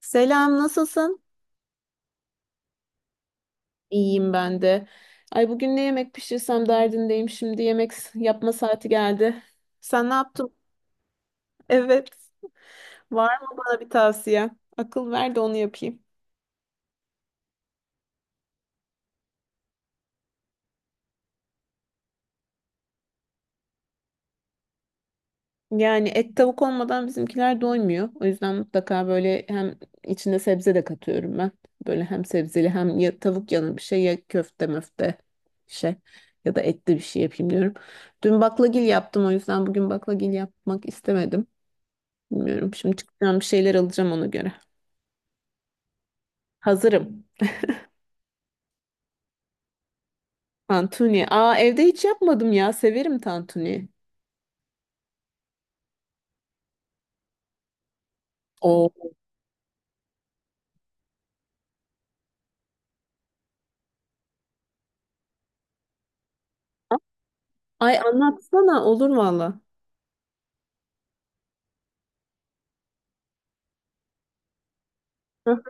Selam, nasılsın? İyiyim ben de. Ay bugün ne yemek pişirsem derdindeyim. Şimdi yemek yapma saati geldi. Sen ne yaptın? Evet. Var mı bana bir tavsiye? Akıl ver de onu yapayım. Yani et tavuk olmadan bizimkiler doymuyor. O yüzden mutlaka böyle hem içinde sebze de katıyorum ben. Böyle hem sebzeli hem ya tavuk yanı bir şey ya köfte möfte bir şey ya da etli bir şey yapayım diyorum. Dün baklagil yaptım o yüzden bugün baklagil yapmak istemedim. Bilmiyorum. Şimdi çıkacağım bir şeyler alacağım ona göre. Hazırım. Tantuni. Aa, evde hiç yapmadım ya. Severim tantuni. Oo. Ay anlatsana, olur valla. Hı.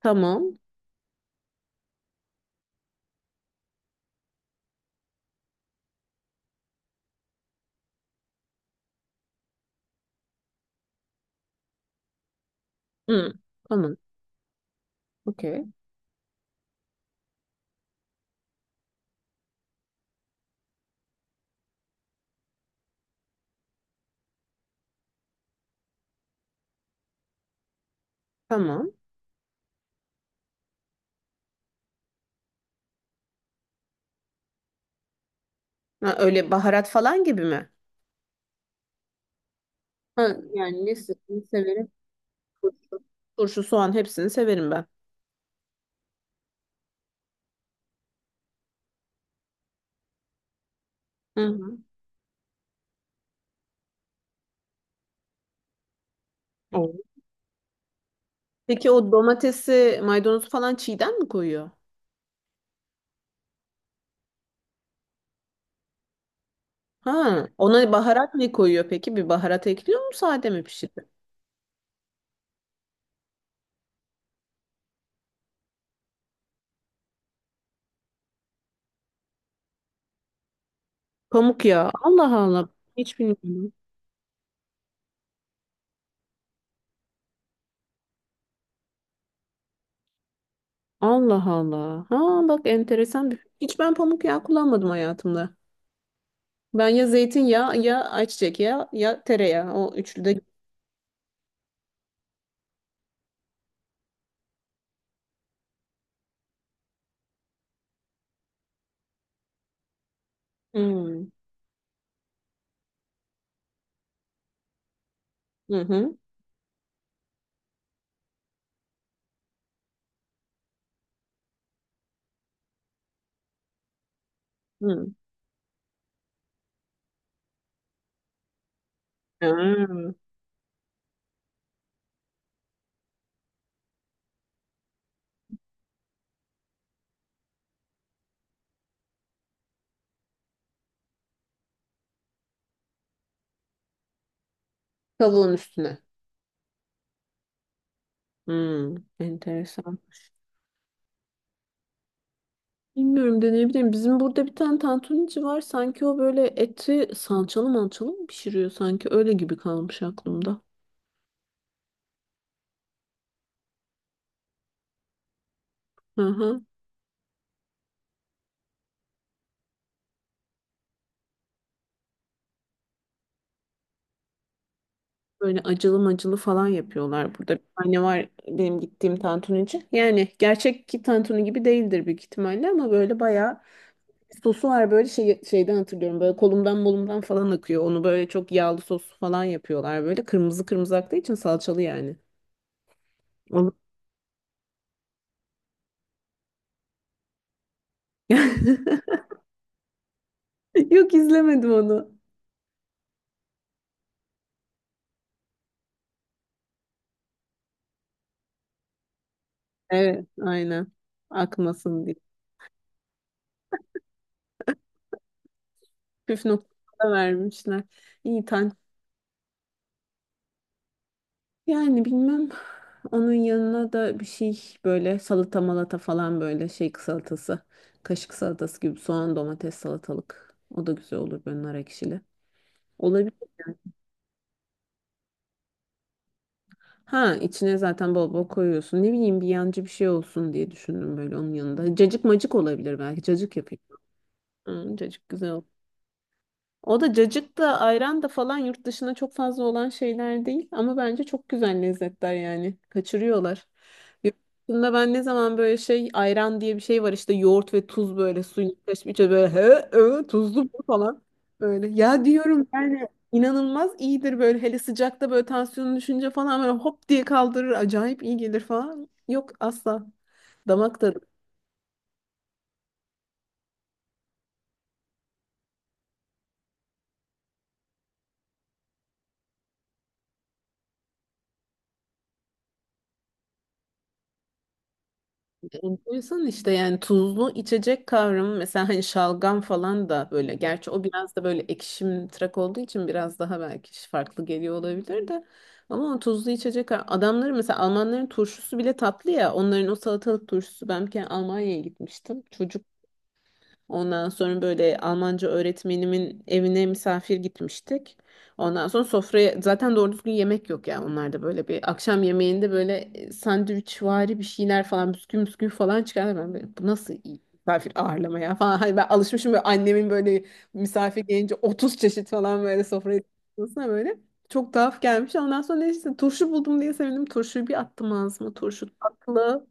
Tamam. Hı. Tamam. Okey. Tamam. Ha, öyle baharat falan gibi mi? Ha, yani ne severim? Turşu. Turşu, soğan, hepsini severim ben. Hı hı. Oo. Peki o domatesi, maydanozu falan çiğden mi koyuyor? Ha, ona baharat ne koyuyor peki? Bir baharat ekliyor mu sade mi pişiriyor? Pamuk ya. Allah Allah. Hiç bilmiyorum. Allah Allah. Ha bak, enteresan bir. Hiç ben pamuk yağı kullanmadım hayatımda. Ben ya zeytinyağı ya ayçiçek yağı ya tereyağı. O üçlü de. Hmm. Hı hı. Hı. Hmm. Tavuğun üstüne. Hmm. Enteresan. Bilmiyorum, deneyebilirim. Bizim burada bir tane tantunici var. Sanki o böyle eti salçalı mançalı mı pişiriyor sanki? Öyle gibi kalmış aklımda. Hı hı. Böyle acılı macılı falan yapıyorlar burada. Bir tane var benim gittiğim tantunici. Yani gerçek ki tantuni gibi değildir büyük ihtimalle ama böyle bayağı sosu var böyle şey, şeyden hatırlıyorum. Böyle kolumdan molumdan falan akıyor. Onu böyle çok yağlı sos falan yapıyorlar böyle. Kırmızı kırmızı aktığı için salçalı yani. Onu... Yok, izlemedim onu. Evet aynen. Akmasın diye. Püf noktada vermişler. İyi tantuni. Yani bilmem, onun yanına da bir şey, böyle salata malata falan, böyle şey salatası. Kaşık salatası gibi soğan domates salatalık. O da güzel olur böyle nar ekşili. Olabilir yani. Ha, içine zaten bol bol koyuyorsun. Ne bileyim, bir yancı bir şey olsun diye düşündüm böyle onun yanında. Cacık macık olabilir belki. Cacık yapayım. Hı, cacık güzel olur. O da cacık da ayran da falan yurt dışına çok fazla olan şeyler değil. Ama bence çok güzel lezzetler yani. Kaçırıyorlar. Yurt dışında ben ne zaman böyle şey ayran diye bir şey var işte yoğurt ve tuz böyle suyun karışmış böyle he, he, tuzlu bu falan. Böyle ya diyorum yani inanılmaz iyidir böyle, hele sıcakta böyle tansiyonu düşünce falan böyle hop diye kaldırır, acayip iyi gelir falan. Yok asla. Damak Enteresan işte, yani tuzlu içecek kavramı mesela, hani şalgam falan da böyle, gerçi o biraz da böyle ekşim tırak olduğu için biraz daha belki farklı geliyor olabilir de, ama o tuzlu içecek adamları mesela, Almanların turşusu bile tatlı ya, onların o salatalık turşusu. Ben bir kere Almanya'ya gitmiştim. Ondan sonra böyle Almanca öğretmenimin evine misafir gitmiştik. Ondan sonra sofraya zaten doğru düzgün yemek yok ya onlarda, böyle bir akşam yemeğinde böyle sandviçvari bir şeyler falan, bisküvi bisküvi falan çıkardı. Ben böyle bu nasıl iyi misafir ağırlama ya falan. Hani ben alışmışım böyle annemin böyle misafir gelince 30 çeşit falan böyle sofraya çıkmasına böyle. Çok tuhaf gelmiş. Ondan sonra neyse turşu buldum diye sevindim. Turşuyu bir attım ağzıma. Turşu tatlı.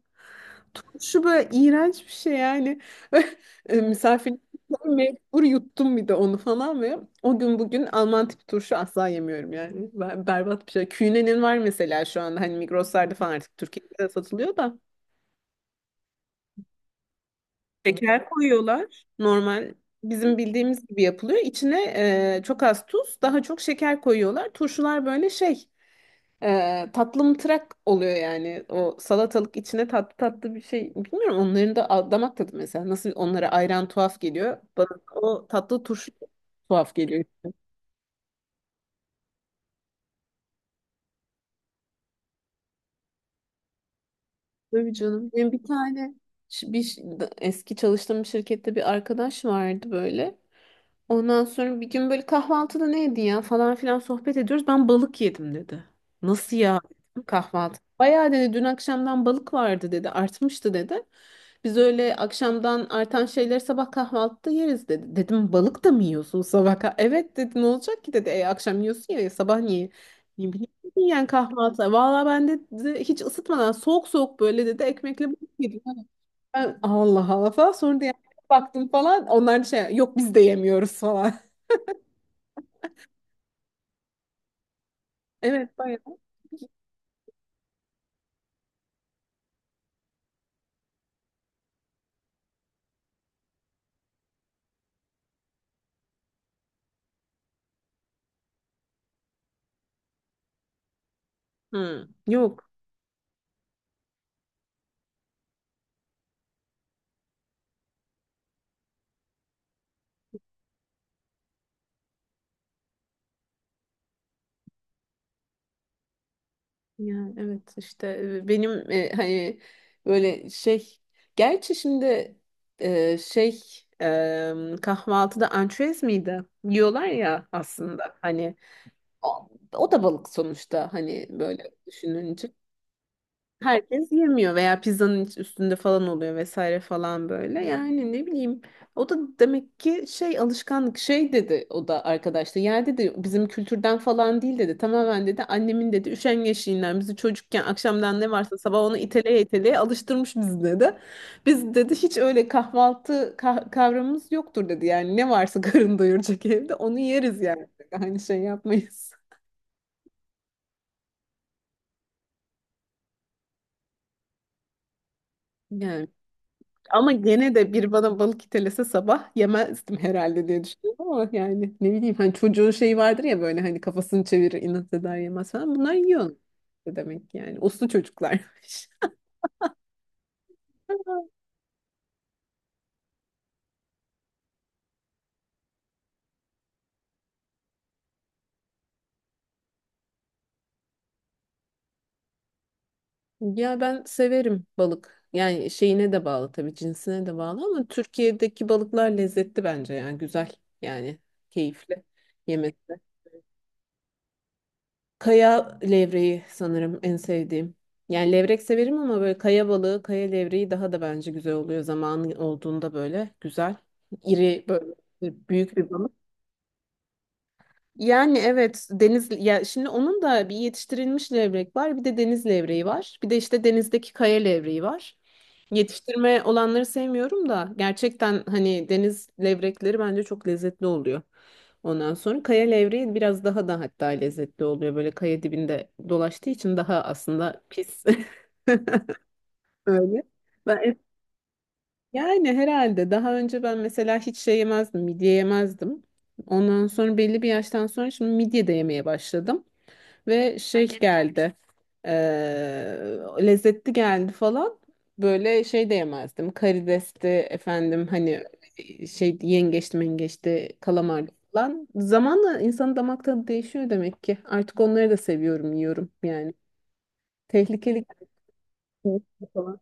Turşu böyle iğrenç bir şey yani. E, misafirlik mecbur yuttum bir de onu falan ve o gün bugün Alman tipi turşu asla yemiyorum yani. Ben, berbat bir şey. Künenin var mesela şu anda, hani Migros'larda falan artık Türkiye'de de satılıyor da. Şeker koyuyorlar. Normal bizim bildiğimiz gibi yapılıyor. İçine çok az tuz, daha çok şeker koyuyorlar. Turşular böyle şey tatlı oluyor yani. O salatalık içine tatlı tatlı bir şey. Bilmiyorum onların da damak tadı mesela. Nasıl onlara ayran tuhaf geliyor. Bana o tatlı turşu tuhaf geliyor. Tabii canım. Benim bir tane eski çalıştığım bir şirkette bir arkadaş vardı böyle. Ondan sonra bir gün böyle kahvaltıda neydi ya falan filan sohbet ediyoruz. Ben balık yedim dedi. Nasıl ya dedim, kahvaltı? Bayağı dedi, dün akşamdan balık vardı dedi. Artmıştı dedi. Biz öyle akşamdan artan şeyleri sabah kahvaltıda yeriz dedi. Dedim balık da mı yiyorsun sabah? Evet dedi, ne olacak ki dedi. E, akşam yiyorsun ya sabah niye? Ne bileyim yani, kahvaltı. Valla ben de dedi, hiç ısıtmadan soğuk soğuk böyle dedi ekmekle balık yedim. Ben Allah Allah falan, sonra da yani baktım falan onlar da şey, yok biz de yemiyoruz falan. Evet bayağı. Hı, yok. Yani evet işte benim hani böyle şey, gerçi şimdi şey e, kahvaltıda ançüez miydi? Yiyorlar ya aslında, hani o, o da balık sonuçta hani böyle düşününce. Herkes yemiyor veya pizzanın üstünde falan oluyor vesaire falan böyle. Yani ne bileyim. O da demek ki şey, alışkanlık şey dedi o da arkadaşta. Ya dedi bizim kültürden falan değil dedi. Tamamen dedi annemin dedi üşengeçliğinden bizi çocukken akşamdan ne varsa sabah onu iteleye iteleye alıştırmış bizi dedi. Biz dedi hiç öyle kahvaltı kavramımız yoktur dedi. Yani ne varsa karın doyuracak evde onu yeriz yani. Aynı şey yapmayız. Yani. Ama gene de bir bana balık itelese sabah yemezdim herhalde diye düşünüyorum ama, yani ne bileyim hani çocuğun şeyi vardır ya, böyle hani kafasını çevirir inat eder yemez falan, bunlar yiyor demek ki, yani uslu çocuklarmış. Ya ben severim balık. Yani şeyine de bağlı tabii, cinsine de bağlı, ama Türkiye'deki balıklar lezzetli bence, yani güzel, yani keyifli yemesi. Kaya levreği sanırım en sevdiğim. Yani levrek severim ama böyle kaya balığı, kaya levreği daha da bence güzel oluyor zamanı olduğunda, böyle güzel. İri böyle büyük bir balık. Yani evet deniz ya, şimdi onun da bir yetiştirilmiş levrek var, bir de deniz levreği var, bir de işte denizdeki kaya levreği var. Yetiştirme olanları sevmiyorum da, gerçekten hani deniz levrekleri bence çok lezzetli oluyor. Ondan sonra kaya levreği biraz daha da hatta lezzetli oluyor, böyle kaya dibinde dolaştığı için daha aslında pis. Öyle. Ben yani herhalde daha önce ben mesela hiç şey yemezdim, midye yemezdim. Ondan sonra belli bir yaştan sonra şimdi midye de yemeye başladım. Ve şey geldi, lezzetli geldi falan. Böyle şey de yemezdim, karidesti efendim, hani şey yengeçti mengeçti kalamardı falan. Zamanla insanın damak tadı değişiyor demek ki. Artık onları da seviyorum, yiyorum yani. Tehlikeli falan.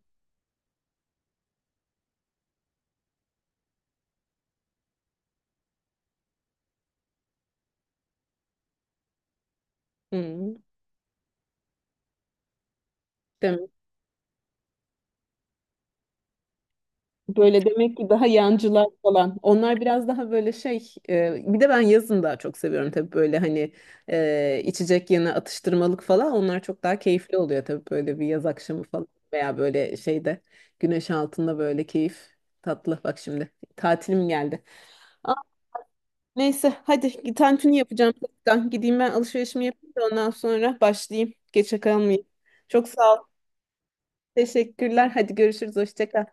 Hı. Böyle demek ki daha yancılar falan. Onlar biraz daha böyle şey. Bir de ben yazın daha çok seviyorum tabii, böyle hani içecek yanı atıştırmalık falan. Onlar çok daha keyifli oluyor tabii, böyle bir yaz akşamı falan veya böyle şeyde, güneş altında böyle keyif tatlı. Bak şimdi tatilim geldi. Aa, neyse hadi tantuni yapacağım. Ben gideyim, ben alışverişimi yapayım da ondan sonra başlayayım. Geçe kalmayayım. Çok sağ ol. Teşekkürler. Hadi görüşürüz. Hoşça kal.